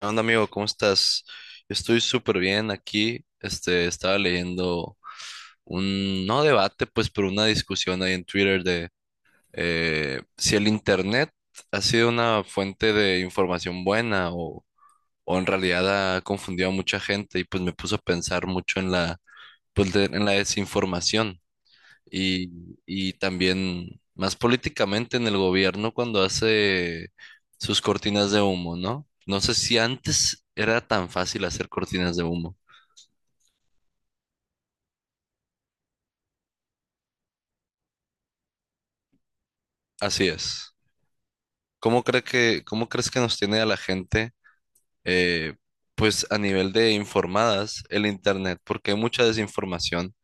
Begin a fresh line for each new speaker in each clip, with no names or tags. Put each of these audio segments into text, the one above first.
¿Qué onda, amigo? ¿Cómo estás? Yo estoy súper bien aquí. Estaba leyendo un, no debate, pues, pero una discusión ahí en Twitter de si el internet ha sido una fuente de información buena o en realidad ha confundido a mucha gente y pues me puso a pensar mucho en en la desinformación. Y también más políticamente en el gobierno cuando hace sus cortinas de humo, ¿no? No sé si antes era tan fácil hacer cortinas de humo. Así es. ¿Cómo cómo crees que nos tiene a la gente, eh, pues a nivel de informadas, el internet? Porque hay mucha desinformación.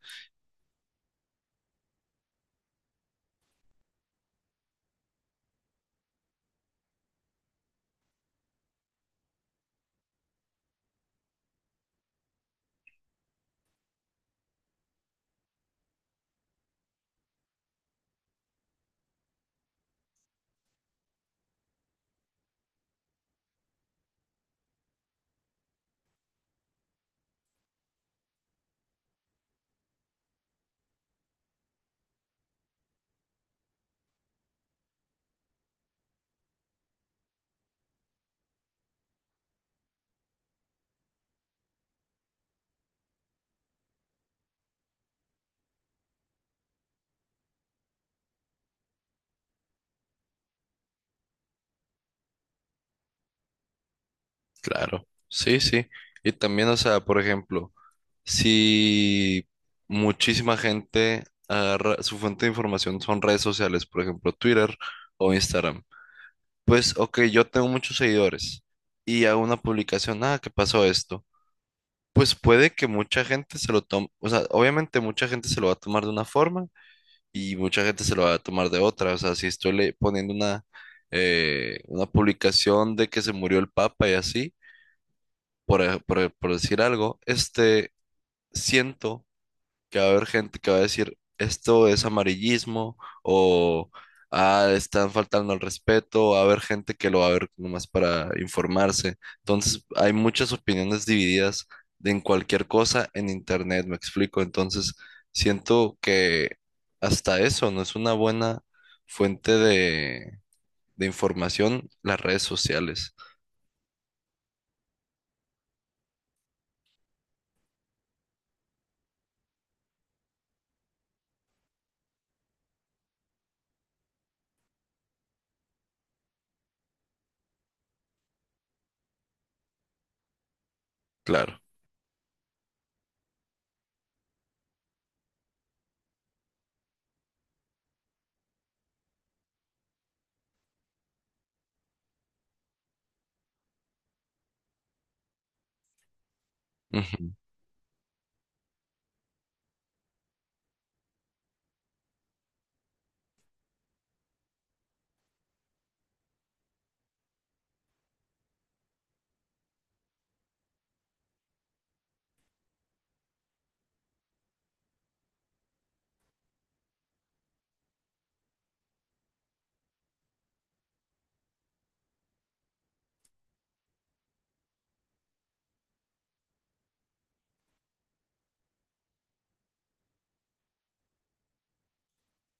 Claro. Sí. Y también, o sea, por ejemplo. Si Muchísima gente agarra, su fuente de información son redes sociales, por ejemplo, Twitter o Instagram. Pues, ok, yo tengo muchos seguidores y hago una publicación, ah, ¿qué pasó esto? Pues puede que mucha gente se lo tome, o sea, obviamente mucha gente se lo va a tomar de una forma y mucha gente se lo va a tomar de otra. O sea, si estoy le- poniendo una publicación de que se murió el Papa y así, por, ej- por decir algo, siento que va a haber gente que va a decir, esto es amarillismo o ah, están faltando al respeto, va a haber gente que lo va a ver nomás para informarse. Entonces, hay muchas opiniones divididas de en cualquier cosa en internet, me explico. Entonces, siento que hasta eso no es una buena fuente de información, las redes sociales, claro. Ujú.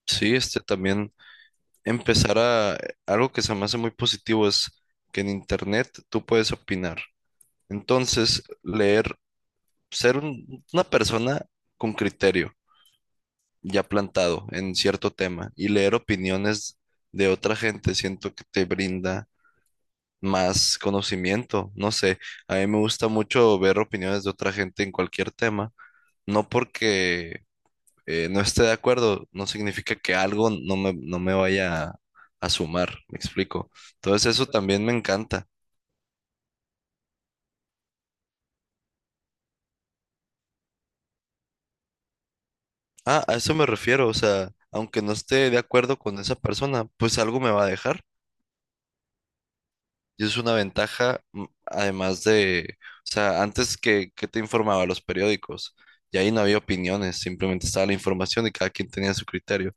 Sí, este también. Empezar a algo que se me hace muy positivo es que en internet tú puedes opinar. Entonces, leer, ser una persona con criterio ya plantado en cierto tema y leer opiniones de otra gente, siento que te brinda más conocimiento. No sé, a mí me gusta mucho ver opiniones de otra gente en cualquier tema, no porque no esté de acuerdo, no significa que algo no me vaya a sumar, me explico. Entonces eso también me encanta. Ah, a eso me refiero, o sea, aunque no esté de acuerdo con esa persona, pues algo me va a dejar. Y es una ventaja, mm, además de, o sea, antes que te informaba los periódicos, y ahí no había opiniones, simplemente estaba la información y cada quien tenía su criterio.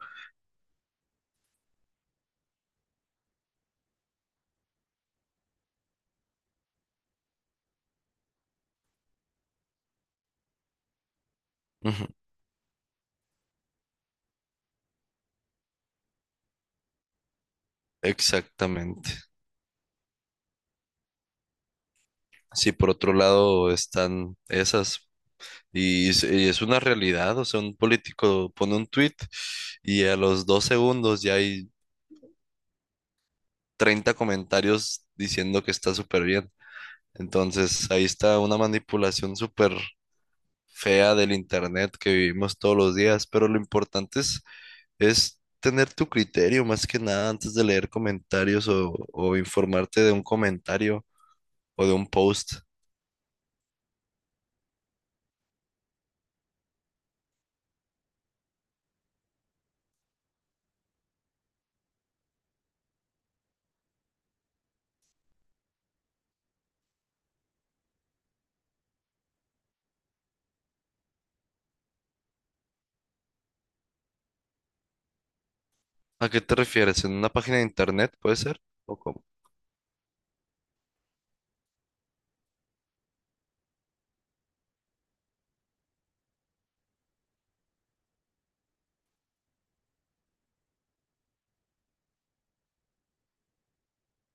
Ujú. Exactamente. Sí, por otro lado están esas. Y es una realidad, o sea, un político pone un tweet y a los 2 segundos ya hay 30 comentarios diciendo que está súper bien. Entonces, ahí está una manipulación súper fea del internet que vivimos todos los días, pero lo importante es tener tu criterio más que nada antes de leer comentarios o informarte de un comentario o de un post. ¿A qué te refieres? ¿En una página de internet puede ser? ¿O cómo?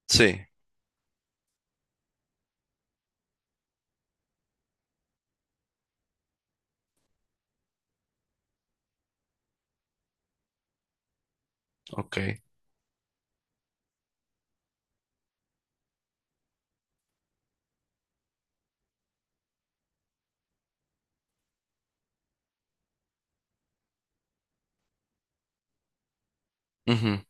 Sí, ok. Ujú.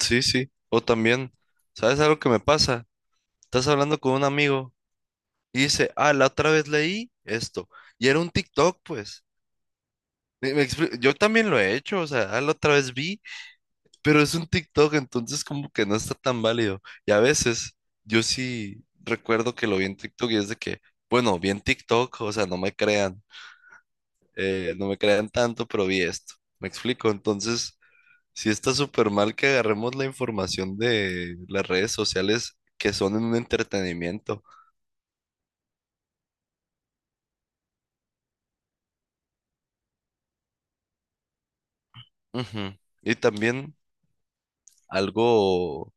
Sí. O también, ¿sabes algo que me pasa? Estás hablando con un amigo y dice, ah, la otra vez leí esto. Y era un TikTok, pues. Yo también lo he hecho, o sea, ah, la otra vez vi, pero es un TikTok, entonces como que no está tan válido. Y a veces yo sí recuerdo que lo vi en TikTok y es de que, bueno, vi en TikTok, o sea, no me crean, no me crean tanto, pero vi esto. Me explico. Entonces sí está súper mal que agarremos la información de las redes sociales que son en un entretenimiento. Ujú. Y también algo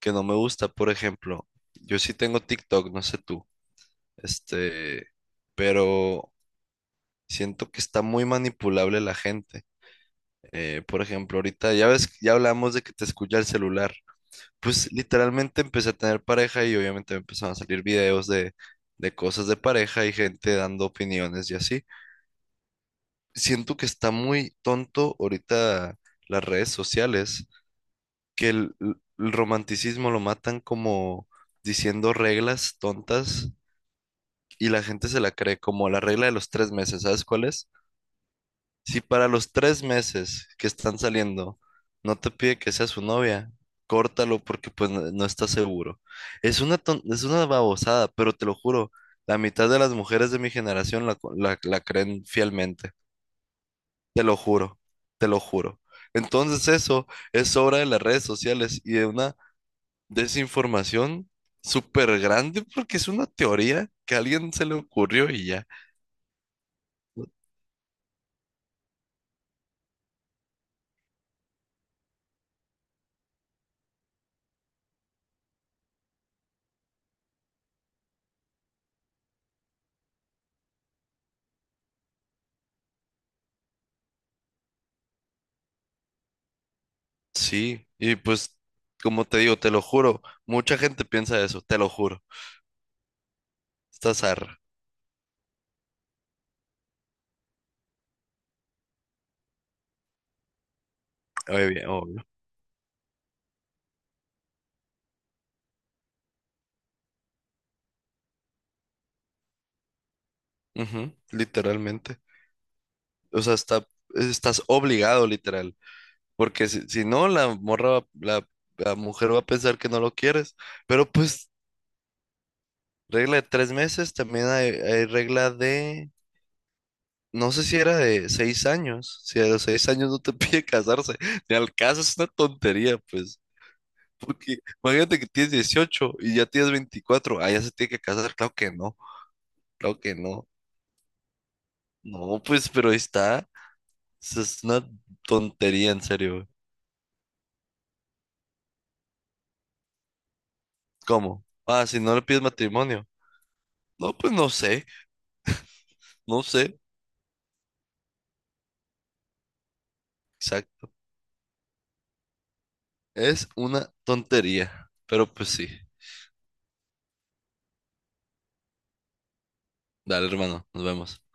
que no me gusta, por ejemplo, yo sí tengo TikTok, no sé tú, este, pero siento que está muy manipulable la gente. Por ejemplo, ahorita ya ves, ya hablamos de que te escucha el celular. Pues literalmente empecé a tener pareja y obviamente me empezaron a salir videos de cosas de pareja y gente dando opiniones y así. Siento que está muy tonto ahorita las redes sociales, que el romanticismo lo matan como diciendo reglas tontas y la gente se la cree como la regla de los 3 meses, ¿sabes cuál es? Si para los 3 meses que están saliendo no te pide que sea su novia, córtalo porque pues no, no estás seguro. Es es una babosada, pero te lo juro, la mitad de las mujeres de mi generación la, co- la la creen fielmente. Te lo juro, te lo juro. Entonces eso es obra de las redes sociales y de una desinformación súper grande porque es una teoría que a alguien se le ocurrió y ya. Sí, y pues como te digo, te lo juro, mucha gente piensa eso, te lo juro. Estás arra. Obvio, obvio. Ujú, literalmente. O sea, estás obligado, literal. Porque si, si no, la mujer va a pensar que no lo quieres. Pero pues regla de 3 meses, también hay regla de, no sé si era de 6 años, si a los 6 años no te pide casarse, ni al caso es una tontería, pues, porque imagínate que tienes 18 y ya tienes 24, ah, ya se tiene que casar, claro que no, claro que no. No, pues, pero ahí está, eso es una tontería, en serio. ¿Cómo? Ah, si no le pides matrimonio, no, pues no sé, no sé, exacto, es una tontería, pero pues sí, dale hermano, nos vemos.